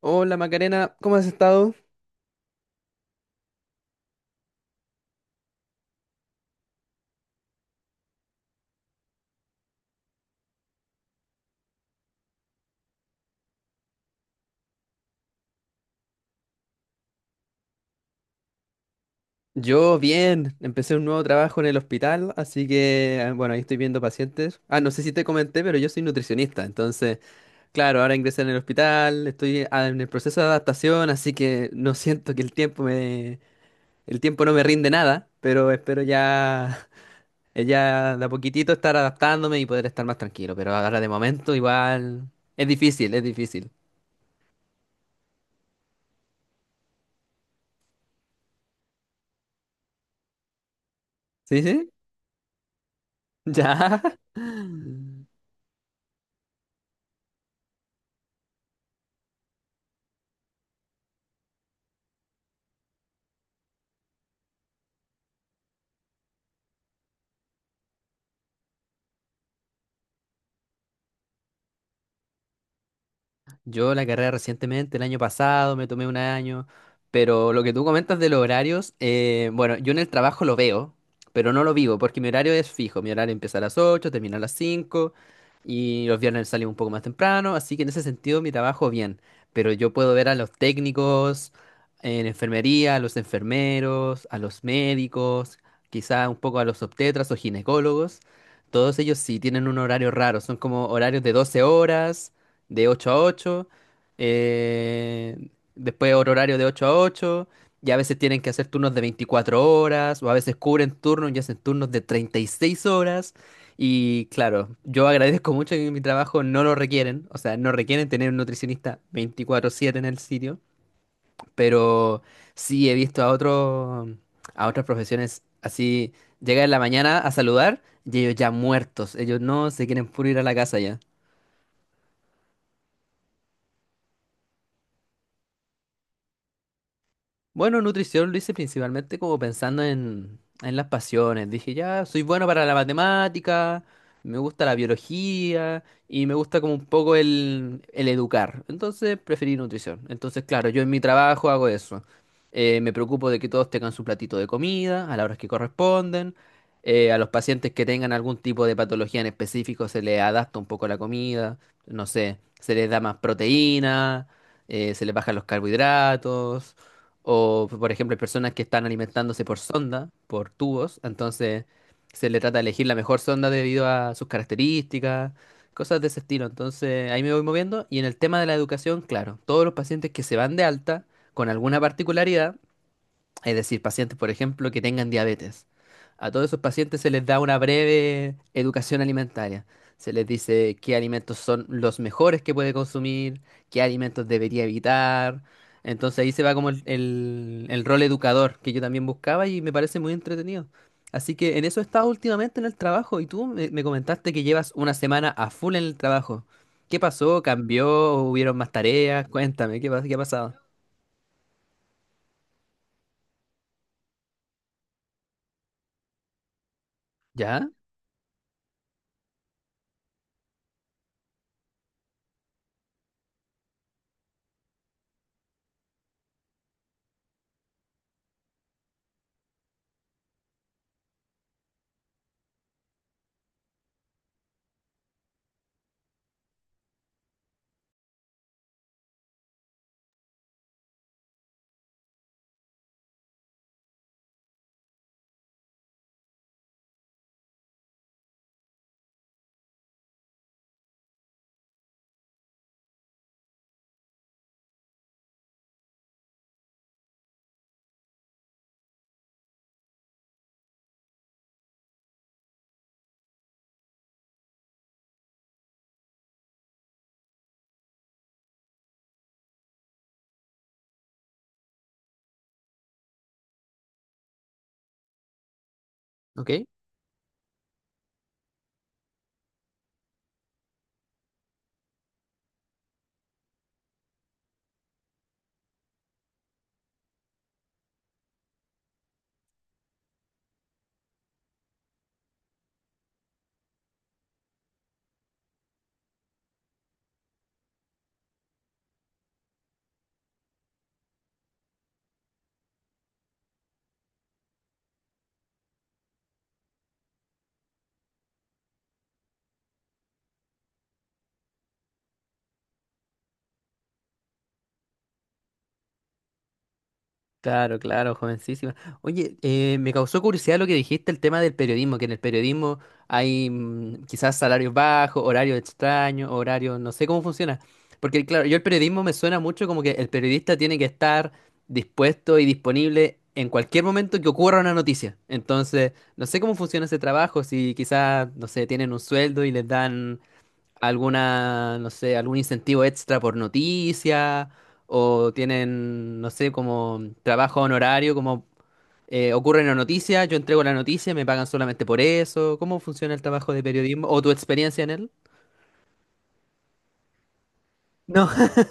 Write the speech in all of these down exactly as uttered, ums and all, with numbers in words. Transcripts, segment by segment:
Hola Macarena, ¿cómo has estado? Yo bien, empecé un nuevo trabajo en el hospital, así que ah, bueno, ahí estoy viendo pacientes. Ah, no sé si te comenté, pero yo soy nutricionista, entonces, claro, ahora ingresé en el hospital, estoy ah, en el proceso de adaptación, así que no siento que el tiempo me, el tiempo no me rinde nada, pero espero ya, ya de a poquitito estar adaptándome y poder estar más tranquilo, pero ahora de momento igual es difícil, es difícil. ¿Sí, sí? Ya. Yo la carrera recientemente, el año pasado, me tomé un año, pero lo que tú comentas de los horarios, eh, bueno, yo en el trabajo lo veo, pero no lo vivo, porque mi horario es fijo, mi horario empieza a las ocho, termina a las cinco y los viernes salimos un poco más temprano, así que en ese sentido mi trabajo bien, pero yo puedo ver a los técnicos en enfermería, a los enfermeros, a los médicos, quizá un poco a los obstetras o ginecólogos. Todos ellos sí tienen un horario raro, son como horarios de doce horas, de ocho a ocho, eh, después otro horario de ocho a ocho, y a veces tienen que hacer turnos de veinticuatro horas, o a veces cubren turnos y hacen turnos de treinta y seis horas. Y claro, yo agradezco mucho que mi trabajo no lo requieren, o sea, no requieren tener un nutricionista veinticuatro siete en el sitio, pero sí he visto a otros, a otras profesiones así, llega en la mañana a saludar y ellos ya muertos, ellos no se quieren puro ir a la casa ya. Bueno, nutrición lo hice principalmente como pensando en, en las pasiones. Dije, ya, soy bueno para la matemática, me gusta la biología y me gusta como un poco el, el educar. Entonces preferí nutrición. Entonces, claro, yo en mi trabajo hago eso. Eh, me preocupo de que todos tengan su platito de comida a las horas que corresponden. Eh, a los pacientes que tengan algún tipo de patología en específico se les adapta un poco la comida. No sé, se les da más proteína, eh, se les bajan los carbohidratos. O, por ejemplo, hay personas que están alimentándose por sonda, por tubos, entonces se le trata de elegir la mejor sonda debido a sus características, cosas de ese estilo. Entonces ahí me voy moviendo. Y en el tema de la educación, claro, todos los pacientes que se van de alta con alguna particularidad, es decir, pacientes, por ejemplo, que tengan diabetes. A todos esos pacientes se les da una breve educación alimentaria. Se les dice qué alimentos son los mejores que puede consumir, qué alimentos debería evitar. Entonces ahí se va como el, el- el rol educador que yo también buscaba y me parece muy entretenido. Así que en eso he estado últimamente en el trabajo. Y tú me, me comentaste que llevas una semana a full en el trabajo. ¿Qué pasó? ¿Cambió? ¿Hubieron más tareas? Cuéntame, ¿qué, pas- qué ha pasado? ¿Ya? ¿Ok? Claro, claro, jovencísima. Oye, eh, me causó curiosidad lo que dijiste, el tema del periodismo, que en el periodismo hay mm, quizás salarios bajos, horarios extraños, horarios, no sé cómo funciona. Porque claro, yo el periodismo me suena mucho como que el periodista tiene que estar dispuesto y disponible en cualquier momento que ocurra una noticia. Entonces, no sé cómo funciona ese trabajo, si quizás, no sé, tienen un sueldo y les dan alguna, no sé, algún incentivo extra por noticia, o tienen, no sé, como trabajo honorario, como eh, ocurre en la noticia, yo entrego la noticia, me pagan solamente por eso. ¿Cómo funciona el trabajo de periodismo o tu experiencia en él? No.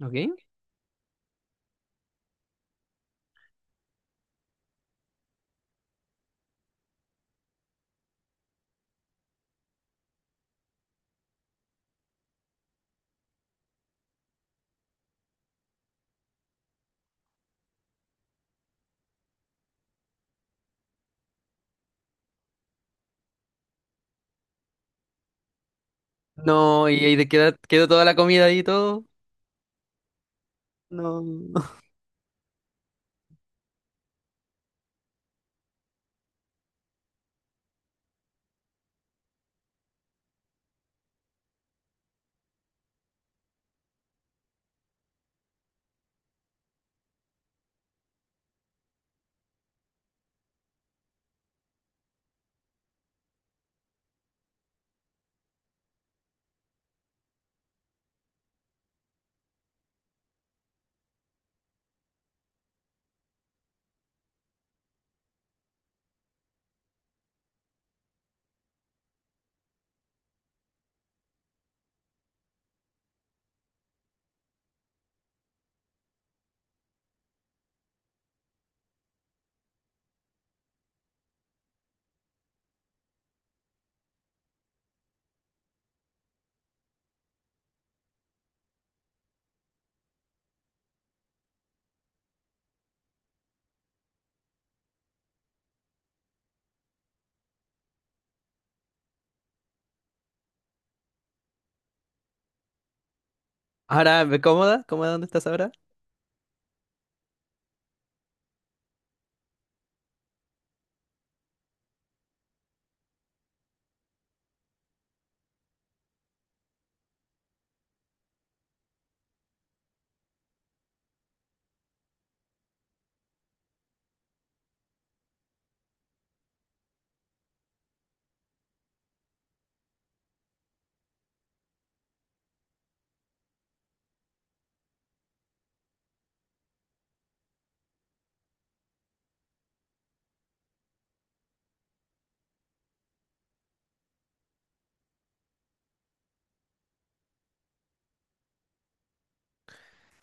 ¿Ok? No, y, ahí te queda, quedó toda la comida ahí y todo. No. Ahora, ¿cómoda? ¿Cómoda dónde estás ahora?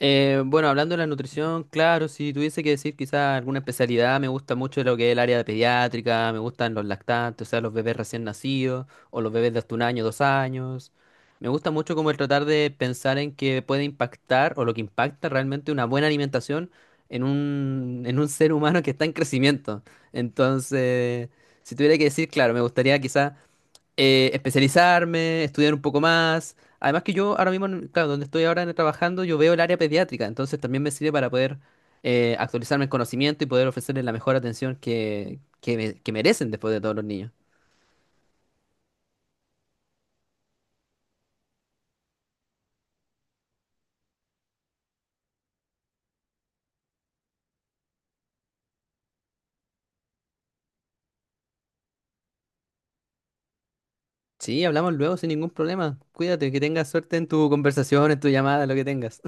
Eh, bueno, hablando de la nutrición, claro, si tuviese que decir quizá alguna especialidad, me gusta mucho lo que es el área de pediátrica, me gustan los lactantes, o sea, los bebés recién nacidos, o los bebés de hasta un año, dos años. Me gusta mucho como el tratar de pensar en que puede impactar, o lo que impacta realmente una buena alimentación en un, en un ser humano que está en crecimiento. Entonces, si tuviera que decir, claro, me gustaría quizá eh, especializarme, estudiar un poco más. Además que yo ahora mismo, en- claro, donde estoy ahora en- trabajando, yo veo el área pediátrica, entonces también me sirve para poder eh, actualizarme el conocimiento y poder ofrecerles la mejor atención que, que, me- que merecen después de todos los niños. Sí, hablamos luego sin ningún problema. Cuídate, que tengas suerte en tu conversación, en tu llamada, lo que tengas.